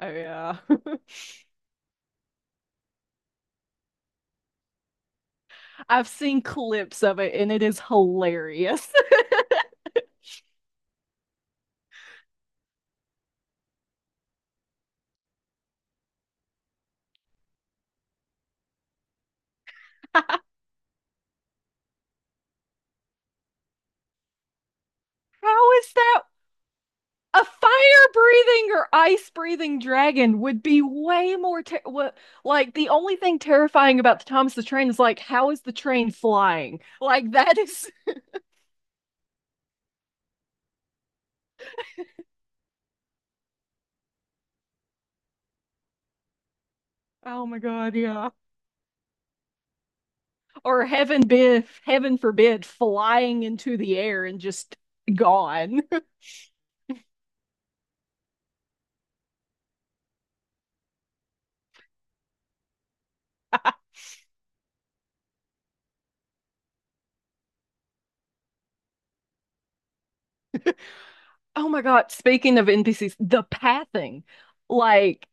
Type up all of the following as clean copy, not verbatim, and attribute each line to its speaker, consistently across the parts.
Speaker 1: Oh yeah. I've seen clips of it and it is hilarious. How is that a fire-breathing or ice-breathing dragon would be way more what, like the only thing terrifying about the Thomas the Train is like how is the train flying? Like that is Oh my God, yeah. Or heaven forbid flying into the air and just gone. Oh my God, speaking of NPCs, the pathing. Like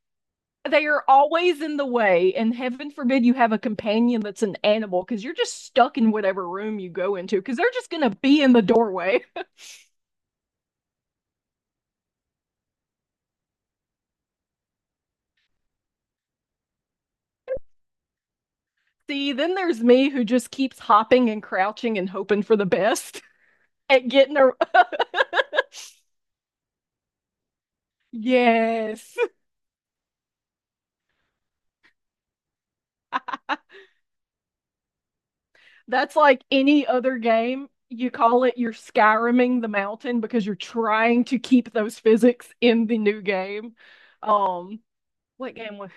Speaker 1: they are always in the way and heaven forbid you have a companion that's an animal because you're just stuck in whatever room you go into because they're just gonna be in the doorway. See, then there's me who just keeps hopping and crouching and hoping for the best at getting a. Yes. That's like any other game, you call it you're skyriming the mountain because you're trying to keep those physics in the new game. um what game was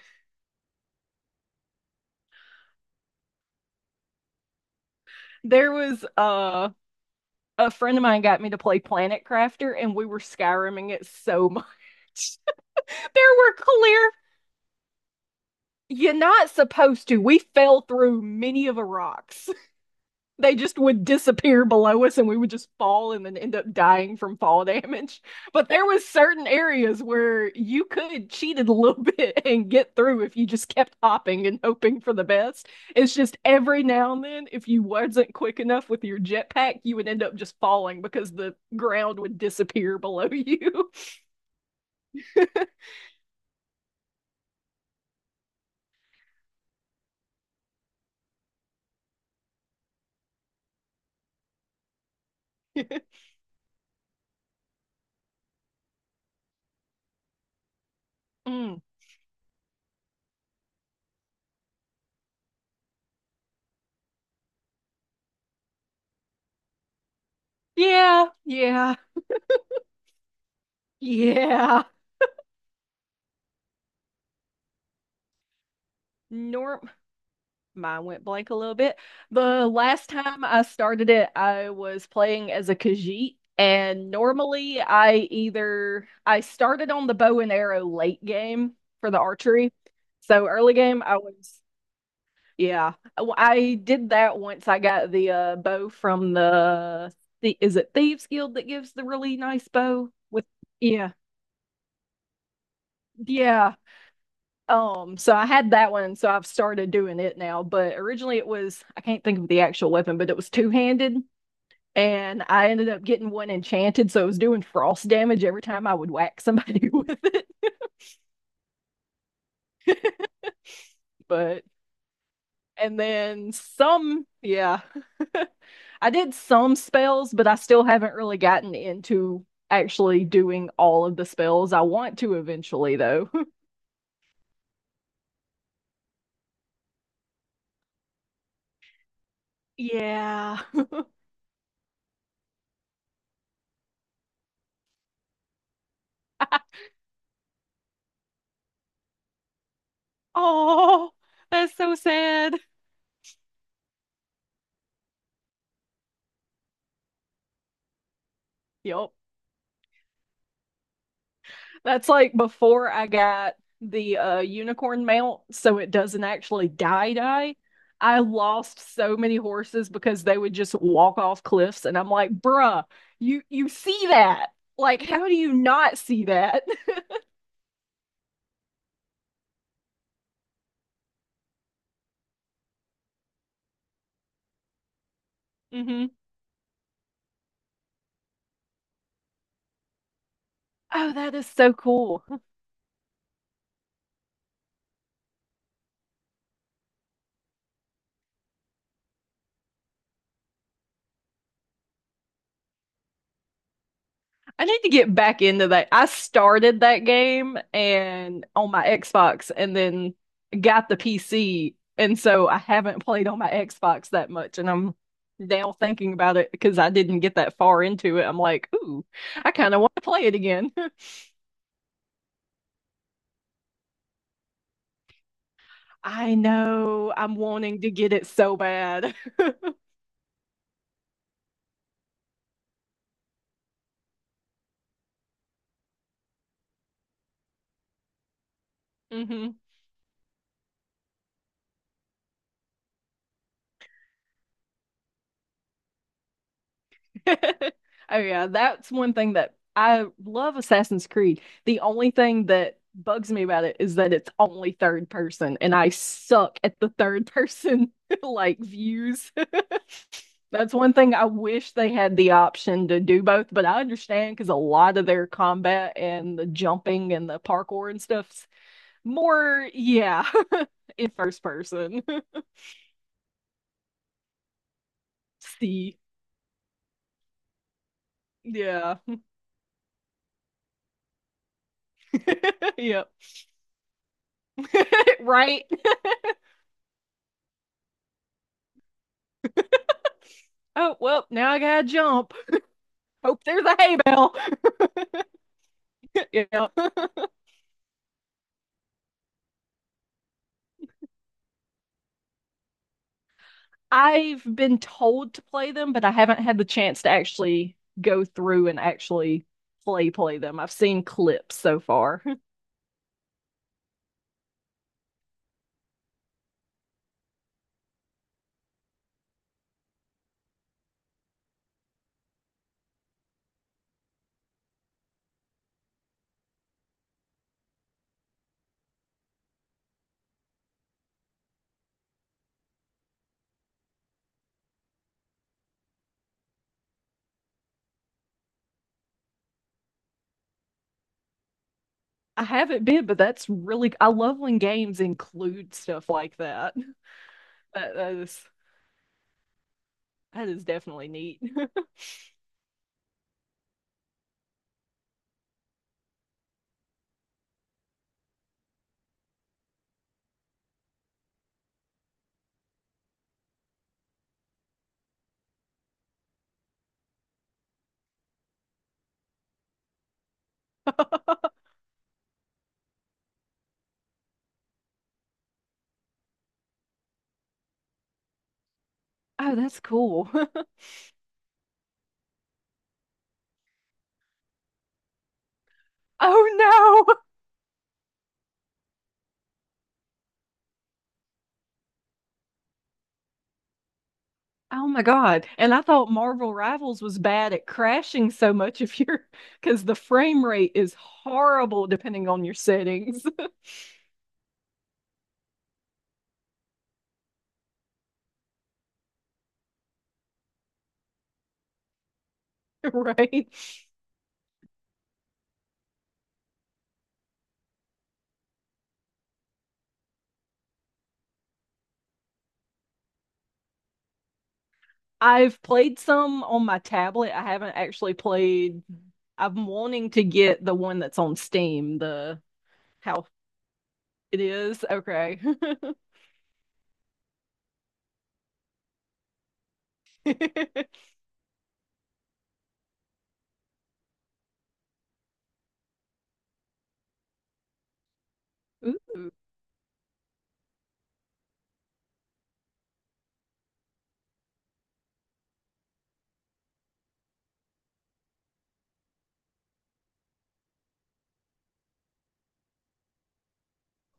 Speaker 1: there? Was A friend of mine got me to play Planet Crafter, and we were skyrimming it so much. There were clear. You're not supposed to. We fell through many of the rocks. They just would disappear below us and we would just fall and then end up dying from fall damage. But there was certain areas where you could cheat it a little bit and get through if you just kept hopping and hoping for the best. It's just every now and then, if you wasn't quick enough with your jetpack, you would end up just falling because the ground would disappear below you. Mm. Yeah, yeah, yeah. Norm Mine went blank a little bit. The last time I started it, I was playing as a Khajiit, and normally I started on the bow and arrow late game for the archery. So early game, I was, yeah, I did that once I got the bow from the is it Thieves Guild that gives the really nice bow with? Yeah. Yeah. So I had that one, so I've started doing it now. But originally it was, I can't think of the actual weapon, but it was two-handed. And I ended up getting one enchanted, so it was doing frost damage every time I would whack somebody with it. But and then some, yeah, I did some spells, but I still haven't really gotten into actually doing all of the spells. I want to eventually, though. Yeah. Oh, that's so sad. Yup. That's like before I got the unicorn mount, so it doesn't actually die die. I lost so many horses because they would just walk off cliffs, and I'm like, bruh, you see that? Like, how do you not see that? Hmm. Oh, that is so cool. I need to get back into that. I started that game and on my Xbox and then got the PC. And so I haven't played on my Xbox that much. And I'm now thinking about it because I didn't get that far into it. I'm like, ooh, I kind of want to play it again. I know, I'm wanting to get it so bad. Hmm. Oh yeah, that's one thing that I love Assassin's Creed. The only thing that bugs me about it is that it's only third person and I suck at the third person like views. That's one thing I wish they had the option to do both, but I understand because a lot of their combat and the jumping and the parkour and stuff's more, yeah, in first person. See, yeah, yep, right. Oh, well, now I gotta jump. Hope there's a hay bale. You know, I've been told to play them, but I haven't had the chance to actually go through and actually play them. I've seen clips so far. I haven't been, but that's really, I love when games include stuff like that. That is that is definitely neat. Oh, that's cool. Oh no. Oh my God. And I thought Marvel Rivals was bad at crashing so much if you're because the frame rate is horrible depending on your settings. Right. I've played some on my tablet. I haven't actually played. I'm wanting to get the one that's on Steam, the how it is. Okay.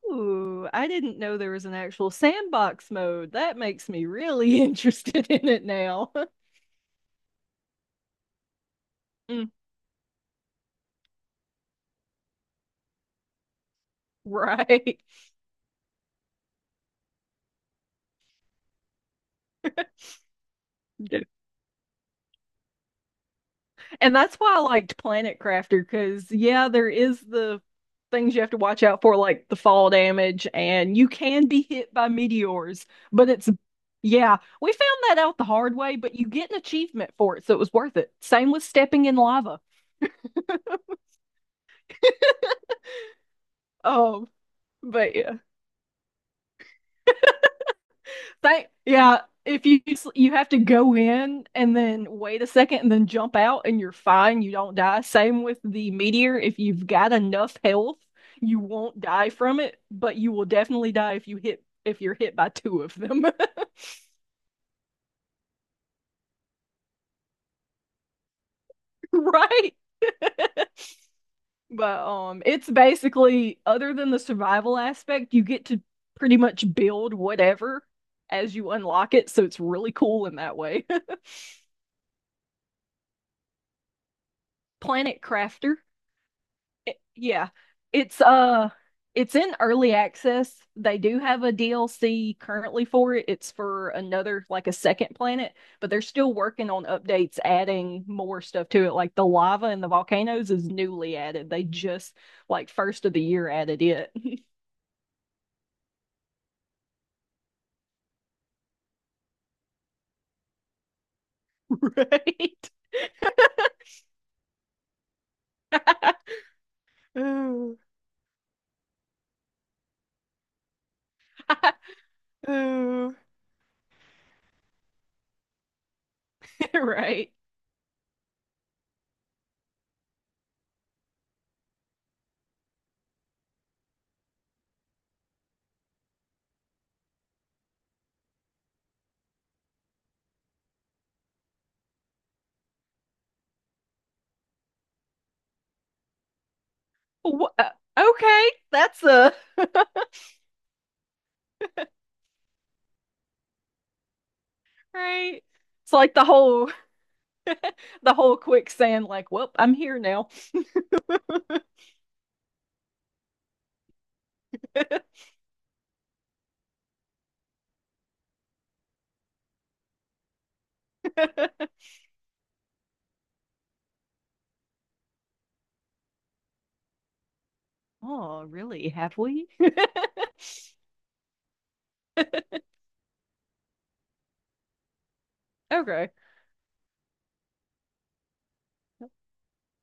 Speaker 1: Ooh, I didn't know there was an actual sandbox mode. That makes me really interested in it now. Mm, right. And that's why I liked Planet Crafter because, yeah, there is the things you have to watch out for, like the fall damage, and you can be hit by meteors, but it's, yeah, we found that out the hard way, but you get an achievement for it, so it was worth it. Same with stepping in lava. Um, but yeah. Yeah, if you have to go in and then wait a second and then jump out and you're fine, you don't die. Same with the meteor. If you've got enough health, you won't die from it, but you will definitely die if you're hit by two of them. Right? But it's basically other than the survival aspect, you get to pretty much build whatever as you unlock it, so it's really cool in that way. Planet Crafter. Yeah, it's uh it's in early access. They do have a DLC currently for it. It's for another, like, a second planet, but they're still working on updates adding more stuff to it. Like the lava and the volcanoes is newly added. They just like first of the year added it. Right. Ooh. Ooh. Right. Wha- uh, Okay, that's a. Right. It's like the whole quicksand, like, well, I'm here now. Oh, really? Have we? Okay.